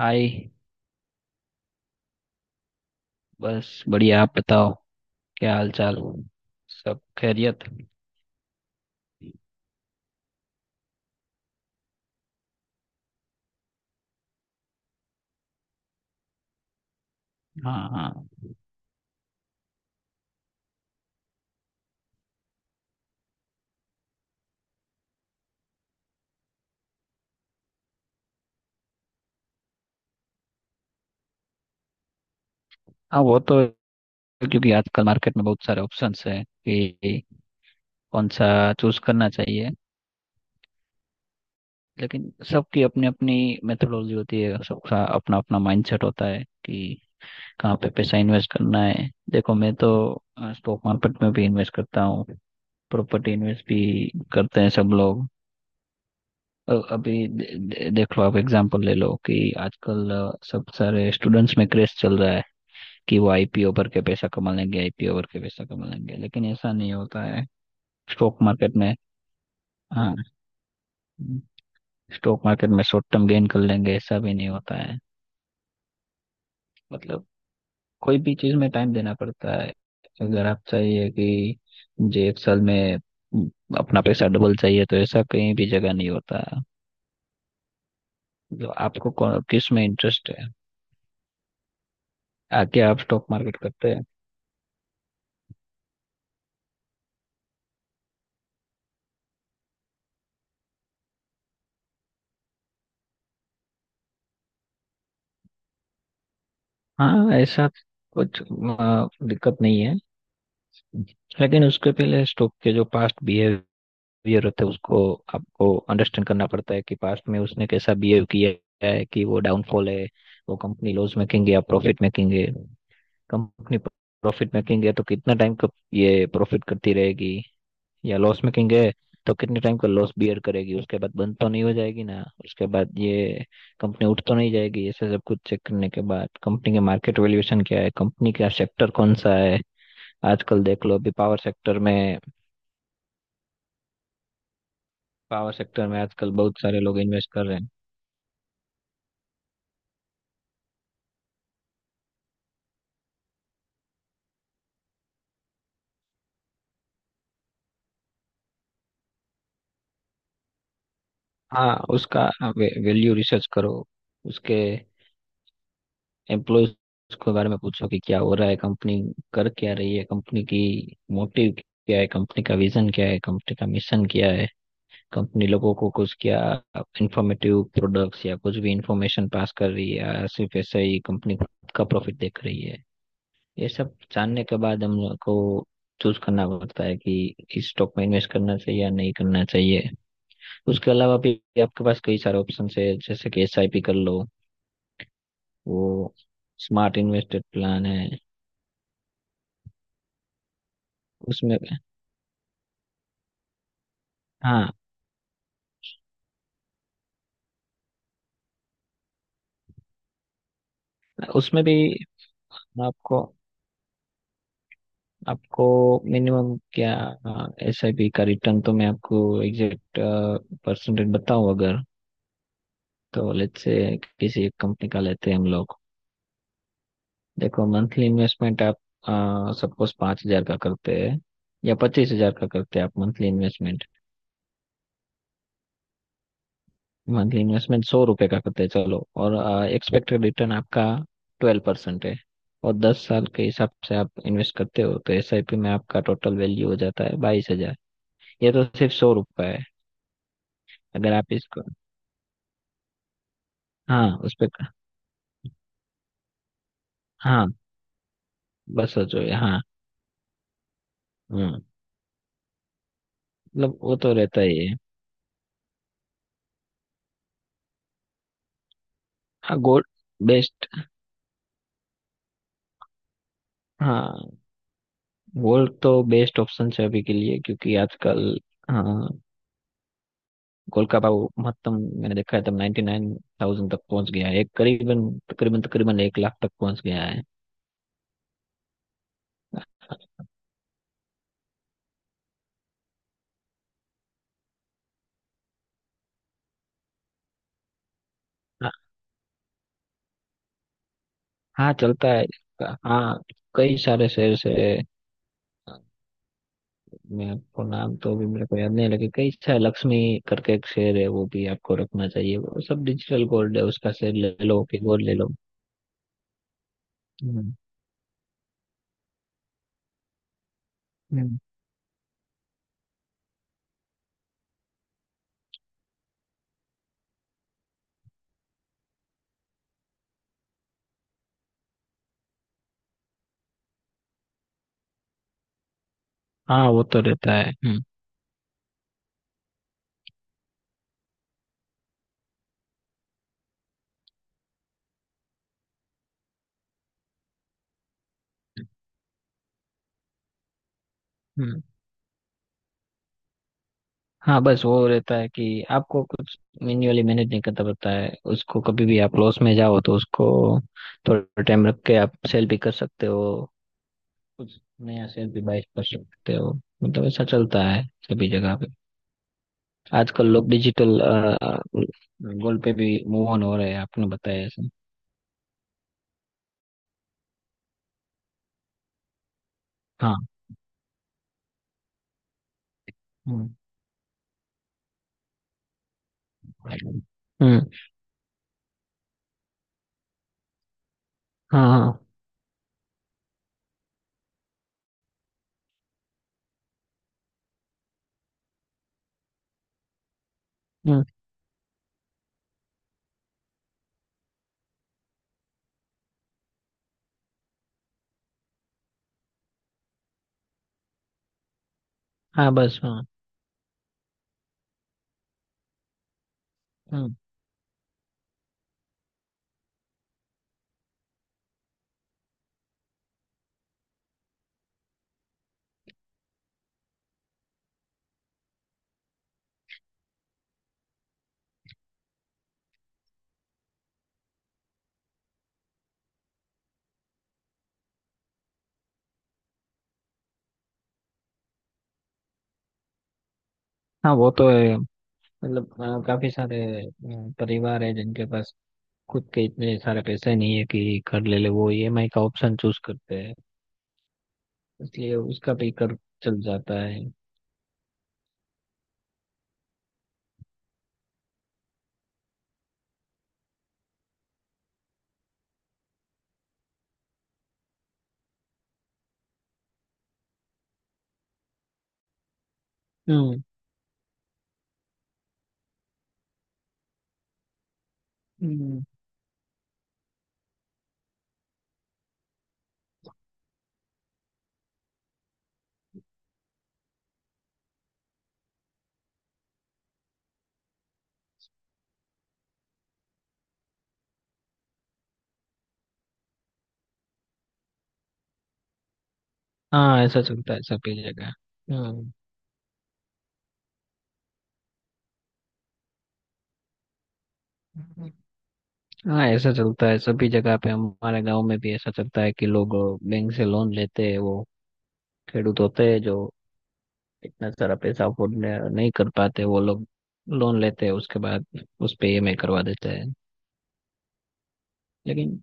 हाय। बस बढ़िया, आप बताओ। क्या हाल चाल, सब खैरियत? हाँ हाँ। हाँ, वो तो है, क्योंकि आजकल मार्केट में बहुत सारे ऑप्शंस हैं कि कौन सा चूज करना चाहिए। लेकिन सबकी अपनी अपनी मेथोडोलॉजी होती है, सबका अपना अपना माइंडसेट होता है कि कहाँ पे पैसा इन्वेस्ट करना है। देखो, मैं तो स्टॉक मार्केट में भी इन्वेस्ट करता हूँ, प्रॉपर्टी इन्वेस्ट भी करते हैं सब लोग। अभी दे, दे, देख लो, आप एग्जांपल ले लो कि आजकल सब सारे स्टूडेंट्स में क्रेज चल रहा है कि वो आईपीओ भर के पैसा कमा लेंगे, आईपीओ भर के पैसा कमा लेंगे, लेकिन ऐसा नहीं होता है। स्टॉक मार्केट में। हाँ। स्टॉक मार्केट में शॉर्ट टर्म गेन कर लेंगे, ऐसा भी नहीं होता है। मतलब कोई भी चीज में टाइम देना पड़ता है। अगर आप चाहिए कि मुझे एक साल में अपना पैसा डबल चाहिए, तो ऐसा कहीं भी जगह नहीं होता है। मतलब आपको किस में इंटरेस्ट है? आके आप स्टॉक मार्केट करते हैं? हाँ, ऐसा कुछ दिक्कत नहीं है, लेकिन उसके पहले स्टोक के जो पास्ट बिहेवियर होते हैं उसको आपको अंडरस्टैंड करना पड़ता है कि पास्ट में उसने कैसा बिहेव किया है, कि वो डाउनफॉल है, वो कंपनी लॉस मेकिंग है या प्रॉफिट मेकिंग है। कंपनी प्रॉफिट मेकिंग है तो कितना टाइम तक ये प्रॉफिट करती रहेगी, या लॉस मेकिंग है तो कितने टाइम का लॉस बियर करेगी, उसके बाद बंद तो नहीं हो जाएगी ना, उसके बाद ये कंपनी उठ तो नहीं जाएगी। ऐसे सब कुछ चेक करने के बाद कंपनी के मार्केट वैल्यूएशन क्या है, कंपनी का सेक्टर कौन सा है। आजकल देख लो, अभी पावर सेक्टर में, पावर सेक्टर में आजकल बहुत सारे लोग इन्वेस्ट कर रहे हैं। हाँ, उसका वैल्यू रिसर्च करो, उसके एम्प्लॉयज के बारे में पूछो कि क्या हो रहा है, कंपनी कर क्या रही है, कंपनी की मोटिव क्या है, कंपनी का विजन क्या है, कंपनी का मिशन क्या है, कंपनी लोगों को कुछ क्या इंफॉर्मेटिव प्रोडक्ट्स या कुछ भी इंफॉर्मेशन पास कर रही है या सिर्फ ऐसे ही कंपनी खुद का प्रॉफिट देख रही है। ये सब जानने के बाद हम लोग को चूज करना पड़ता है कि इस स्टॉक में इन्वेस्ट करना चाहिए या नहीं करना चाहिए। उसके अलावा भी आपके पास कई सारे ऑप्शन है, जैसे कि एसआईपी कर लो, वो स्मार्ट इन्वेस्टेड प्लान है। उसमें हाँ, उसमें भी आपको आपको मिनिमम क्या एस आई पी का रिटर्न तो मैं आपको एग्जैक्ट परसेंटेज बताऊं? अगर, तो लेट्स से किसी एक कंपनी का लेते हैं हम लोग। देखो मंथली इन्वेस्टमेंट आप सपोज 5,000 का करते हैं या 25,000 का करते हैं आप मंथली इन्वेस्टमेंट, मंथली इन्वेस्टमेंट 100 रुपए का करते हैं चलो। और एक्सपेक्टेड रिटर्न आपका 12% है, और 10 साल के हिसाब से आप इन्वेस्ट करते हो तो एस आई पी में आपका टोटल वैल्यू हो जाता है 22,000। ये तो सिर्फ 100 रुपए है। अगर आप इसको। हाँ, उस पे। हाँ, बस सोचो ये, हाँ हम्म। मतलब वो तो रहता ही है। हाँ, गोल्ड बेस्ट। हाँ, गोल्ड तो बेस्ट ऑप्शन है अभी के लिए, क्योंकि आजकल। हाँ, गोल्ड का भाव महत्तम मैंने देखा है, तब 99,000 तक पहुंच गया है, एक करीबन तकरीबन तकरीबन 1 लाख तक पहुंच गया है। हाँ हाँ, चलता है। हाँ, कई सारे शेयर है, मैं आपको नाम तो अभी मेरे को याद नहीं, लगे कई अच्छा लक्ष्मी करके एक शेर है, वो भी आपको रखना चाहिए, वो सब डिजिटल गोल्ड है, उसका शेर ले लो कि गोल्ड ले लो। हम्म। हम्म। हाँ, वो तो रहता है। हम्म। हम्म। हाँ बस, वो रहता है कि आपको कुछ मैन्युअली मैनेज नहीं करता पड़ता है उसको, कभी भी आप लॉस में जाओ तो उसको थोड़ा टाइम रख के आप सेल भी कर सकते हो, कुछ नया शेयर भी बाय कर सकते हो, मतलब ऐसा चलता है सभी जगह। आजकल लोग डिजिटल गोल पे भी मूव ऑन हो रहे हैं, आपने बताया ऐसे। हाँ। हम्म। हम्म। हाँ। हाँ। हम्म, हाँ बस, हाँ। हम्म। हाँ, वो तो है, मतलब काफी सारे अ, परिवार है जिनके पास खुद के इतने सारे पैसे नहीं है कि कर ले ले, वो ईएमआई का ऑप्शन चूज करते हैं, इसलिए उसका भी कर चल जाता है। हम्म। हम्म, हाँ ऐसा चलता है सभी जगह। हम्म। हाँ ऐसा चलता है सभी जगह पे, हमारे गांव में भी ऐसा चलता है कि लोग बैंक से लोन लेते हैं, वो खेडूत होते हैं जो इतना सारा पैसा अफोर्ड नहीं कर पाते, वो लोग लोन लेते हैं, उसके बाद उस पे ईएमआई करवा देते हैं। लेकिन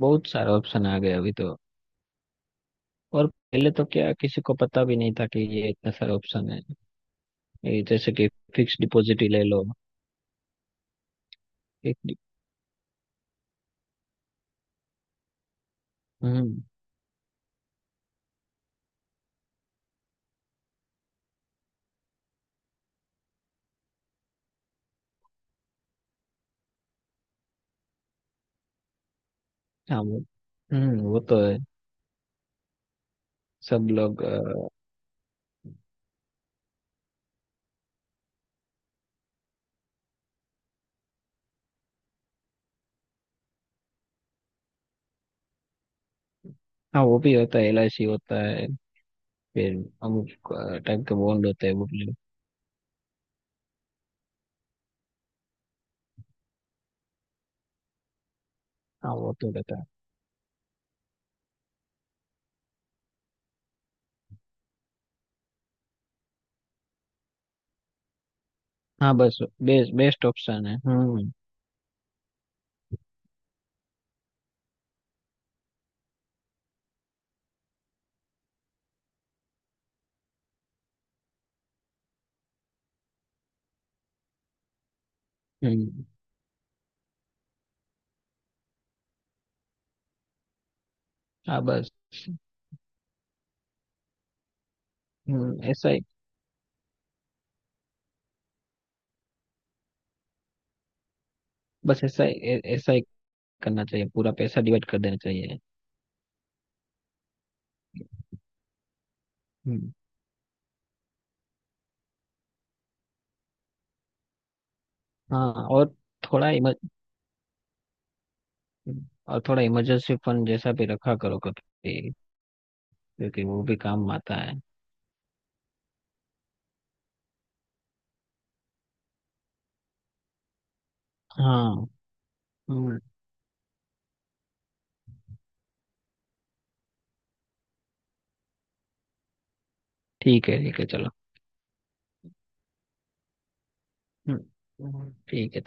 बहुत सारे ऑप्शन आ गए अभी तो, और पहले तो क्या किसी को पता भी नहीं था कि ये इतना सारा ऑप्शन है। ये जैसे कि फिक्स डिपॉजिट ही ले लो, एक। हम्म। हाँ, वो। हम्म। वो तो है, सब लोग हाँ, वो भी होता है, एलआईसी होता है, फिर अमुक टाइप के बॉन्ड होते हैं वो प्लेयर। हाँ, वो तो रहता है। हाँ बस, बेस्ट बेस्ट ऑप्शन है। हम्म। हम्म, हाँ बस, ऐसा ही, बस ऐसा ही ऐसा ही करना चाहिए, पूरा पैसा डिवाइड कर देना चाहिए। हम्म। हाँ, थोड़ा इमर और थोड़ा इमरजेंसी फंड जैसा भी रखा करो कभी, क्योंकि वो भी काम आता है। हाँ। हम्म, ठीक है चलो। ठीक है।